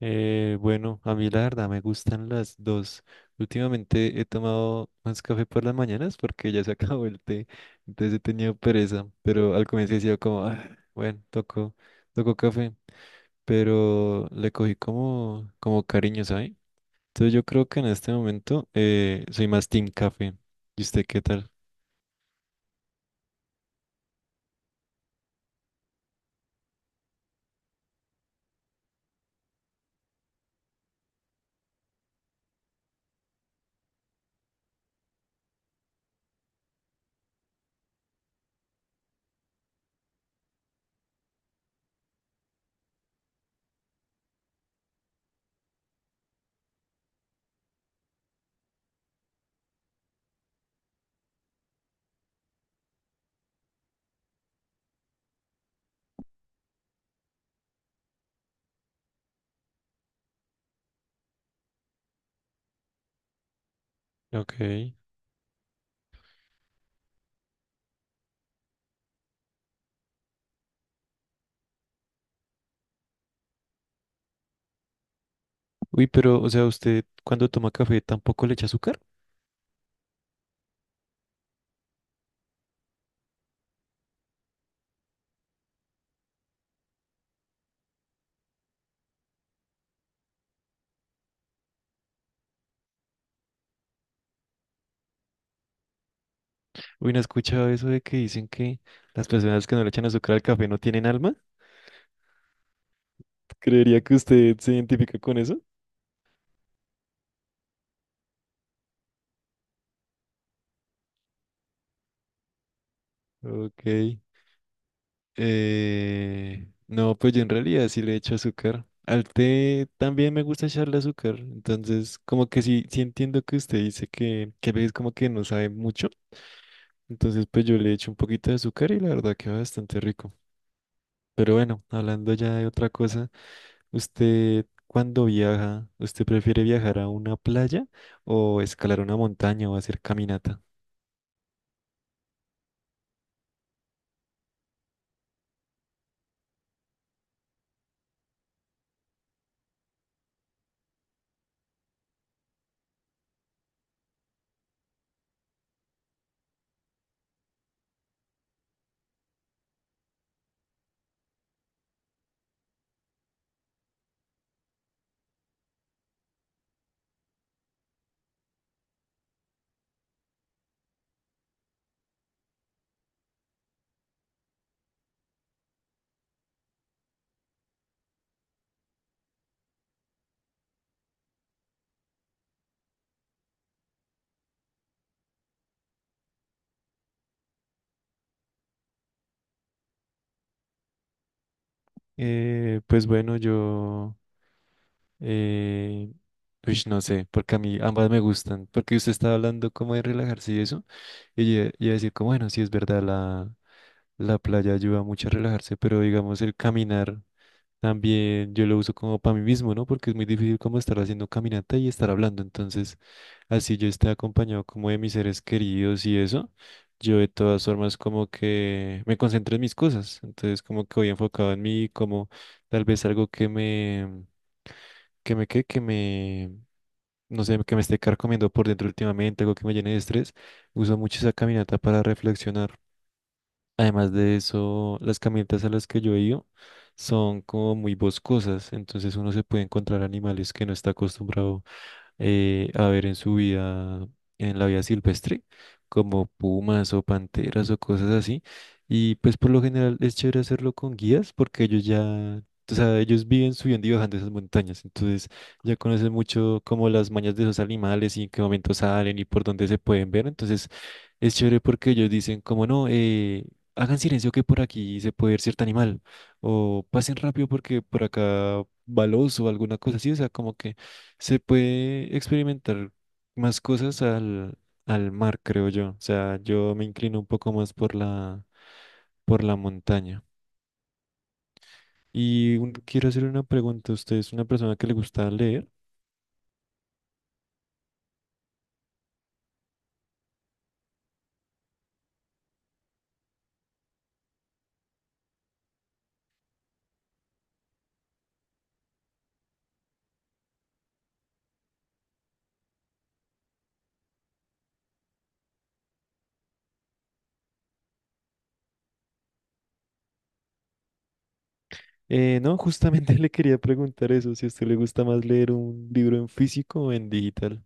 Bueno, a mí la verdad me gustan las dos. Últimamente he tomado más café por las mañanas porque ya se acabó el té, entonces he tenido pereza, pero al comienzo decía como, "Ah, bueno, tocó, tocó café, pero le cogí como, como cariño, ¿sabes? Entonces yo creo que en este momento soy más team café. ¿Y usted qué tal? Ok. Uy, pero, o sea, ¿usted cuando toma café tampoco le echa azúcar? Uy, ¿no he escuchado eso de que dicen que las personas que no le echan azúcar al café no tienen alma? Creería que usted se identifica con eso. Ok. No, pues yo en realidad sí le echo azúcar. Al té también me gusta echarle azúcar. Entonces, como que sí, sí entiendo que usted dice que a veces como que no sabe mucho. Entonces, pues yo le echo un poquito de azúcar y la verdad queda bastante rico. Pero bueno, hablando ya de otra cosa, ¿usted cuando viaja, usted prefiere viajar a una playa o escalar una montaña o hacer caminata? Pues bueno, yo... Eh, Uy, no sé, porque a mí ambas me gustan, porque usted estaba hablando como de relajarse y eso, y yo iba a decir como, bueno, sí es verdad, la playa ayuda mucho a relajarse, pero digamos el caminar también yo lo uso como para mí mismo, ¿no? Porque es muy difícil como estar haciendo caminata y estar hablando, entonces así yo esté acompañado como de mis seres queridos y eso, yo de todas formas como que me concentro en mis cosas, entonces como que voy enfocado en mí, como tal vez algo que me, no sé, que me esté carcomiendo por dentro últimamente, algo que me llene de estrés, uso mucho esa caminata para reflexionar. Además de eso, las caminatas a las que yo he ido son como muy boscosas, entonces uno se puede encontrar animales que no está acostumbrado a ver en su vida, en la vida silvestre, como pumas o panteras o cosas así. Y pues por lo general es chévere hacerlo con guías porque ellos ya, o sea, ellos viven subiendo y bajando esas montañas, entonces ya conocen mucho como las mañas de esos animales y en qué momento salen y por dónde se pueden ver. Entonces es chévere porque ellos dicen como no, hagan silencio que por aquí se puede ver cierto animal o pasen rápido porque por acá... balos o alguna cosa así, o sea, como que se puede experimentar más cosas al, al mar, creo yo. O sea, yo me inclino un poco más por por la montaña. Quiero hacer una pregunta. ¿Usted es una persona que le gusta leer? No, justamente le quería preguntar eso, si a usted le gusta más leer un libro en físico o en digital.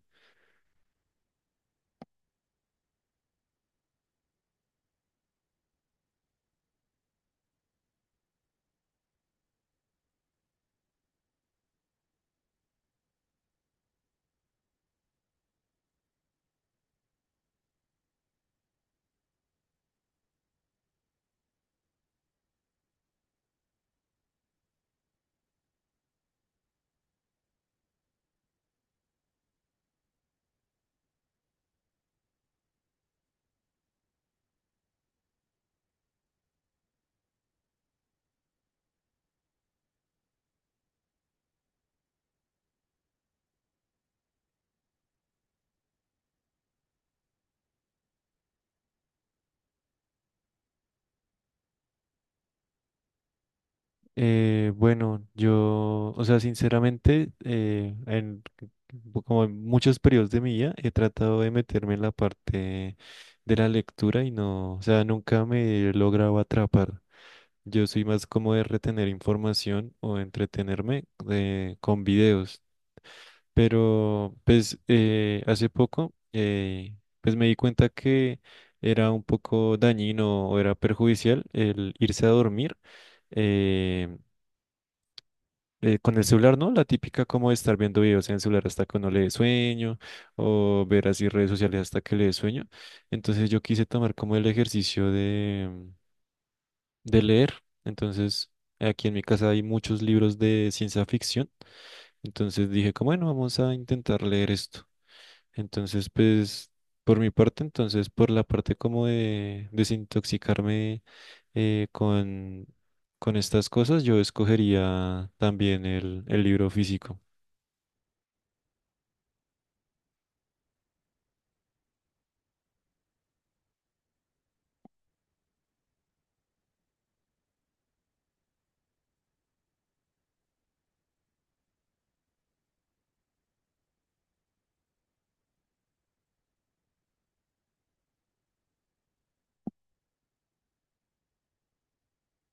Bueno, yo, o sea, sinceramente, como en muchos periodos de mi vida he tratado de meterme en la parte de la lectura y no, o sea, nunca me he logrado atrapar. Yo soy más como de retener información o entretenerme con videos. Pero, pues, hace poco, pues me di cuenta que era un poco dañino o era perjudicial el irse a dormir eh, con el celular, ¿no? La típica como de estar viendo videos en el celular hasta que uno le dé sueño o ver así redes sociales hasta que le dé sueño. Entonces yo quise tomar como el ejercicio de leer. Entonces aquí en mi casa hay muchos libros de ciencia ficción. Entonces dije, como bueno, vamos a intentar leer esto. Entonces, pues, por mi parte, entonces, por la parte como de desintoxicarme eh, con, con estas cosas, yo escogería también el libro físico.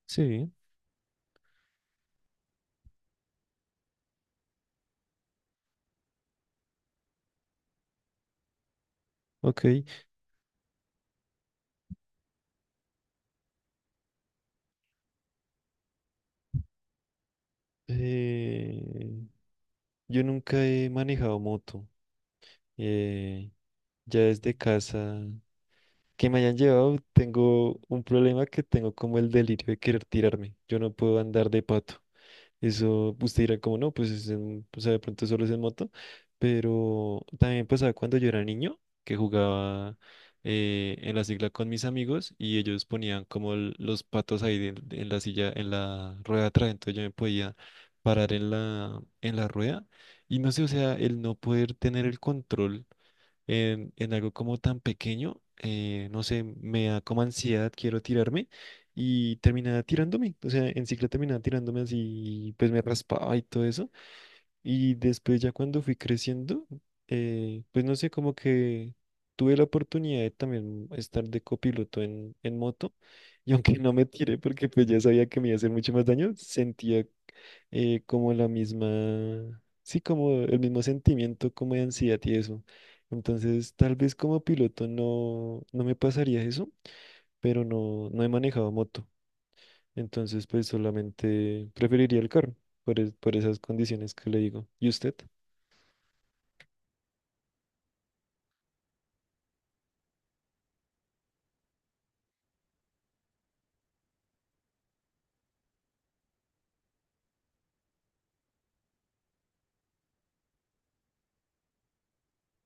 Sí, ok. Eh, yo nunca he manejado moto. eh, ya desde casa que me hayan llevado, tengo un problema que tengo como el delirio de querer tirarme. Yo no puedo andar de pato. Eso usted dirá como no, pues, es en- o sea, de pronto solo es en moto, pero también pasaba cuando yo era niño, que jugaba en la sigla con mis amigos y ellos ponían como el- los patos ahí de- en la silla, en la rueda de atrás, entonces yo me podía parar en en la rueda y no sé, o sea, el no poder tener el control en algo como tan pequeño, no sé, me da como ansiedad, quiero tirarme y terminaba tirándome, o sea, en cicla terminaba tirándome así, pues me raspaba y todo eso. Y después ya cuando fui creciendo, pues no sé, como que tuve la oportunidad de también estar de copiloto en moto. Y aunque no me tiré porque pues ya sabía que me iba a hacer mucho más daño, sentía como la misma, sí, como el mismo sentimiento como de ansiedad y eso. Entonces, tal vez como piloto no, no me pasaría eso, pero no, no he manejado moto. Entonces, pues solamente preferiría el carro por, es- por esas condiciones que le digo. ¿Y usted?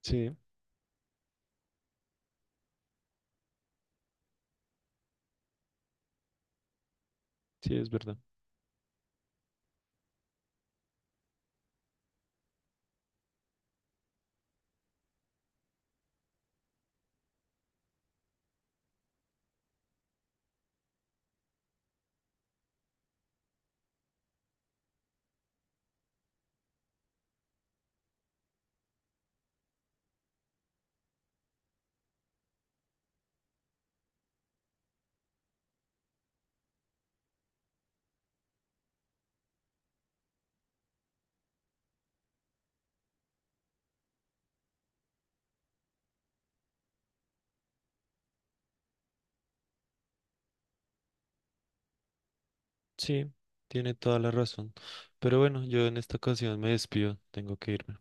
Sí, sí, es verdad. Sí, tiene toda la razón. Pero bueno, yo en esta ocasión me despido, tengo que irme.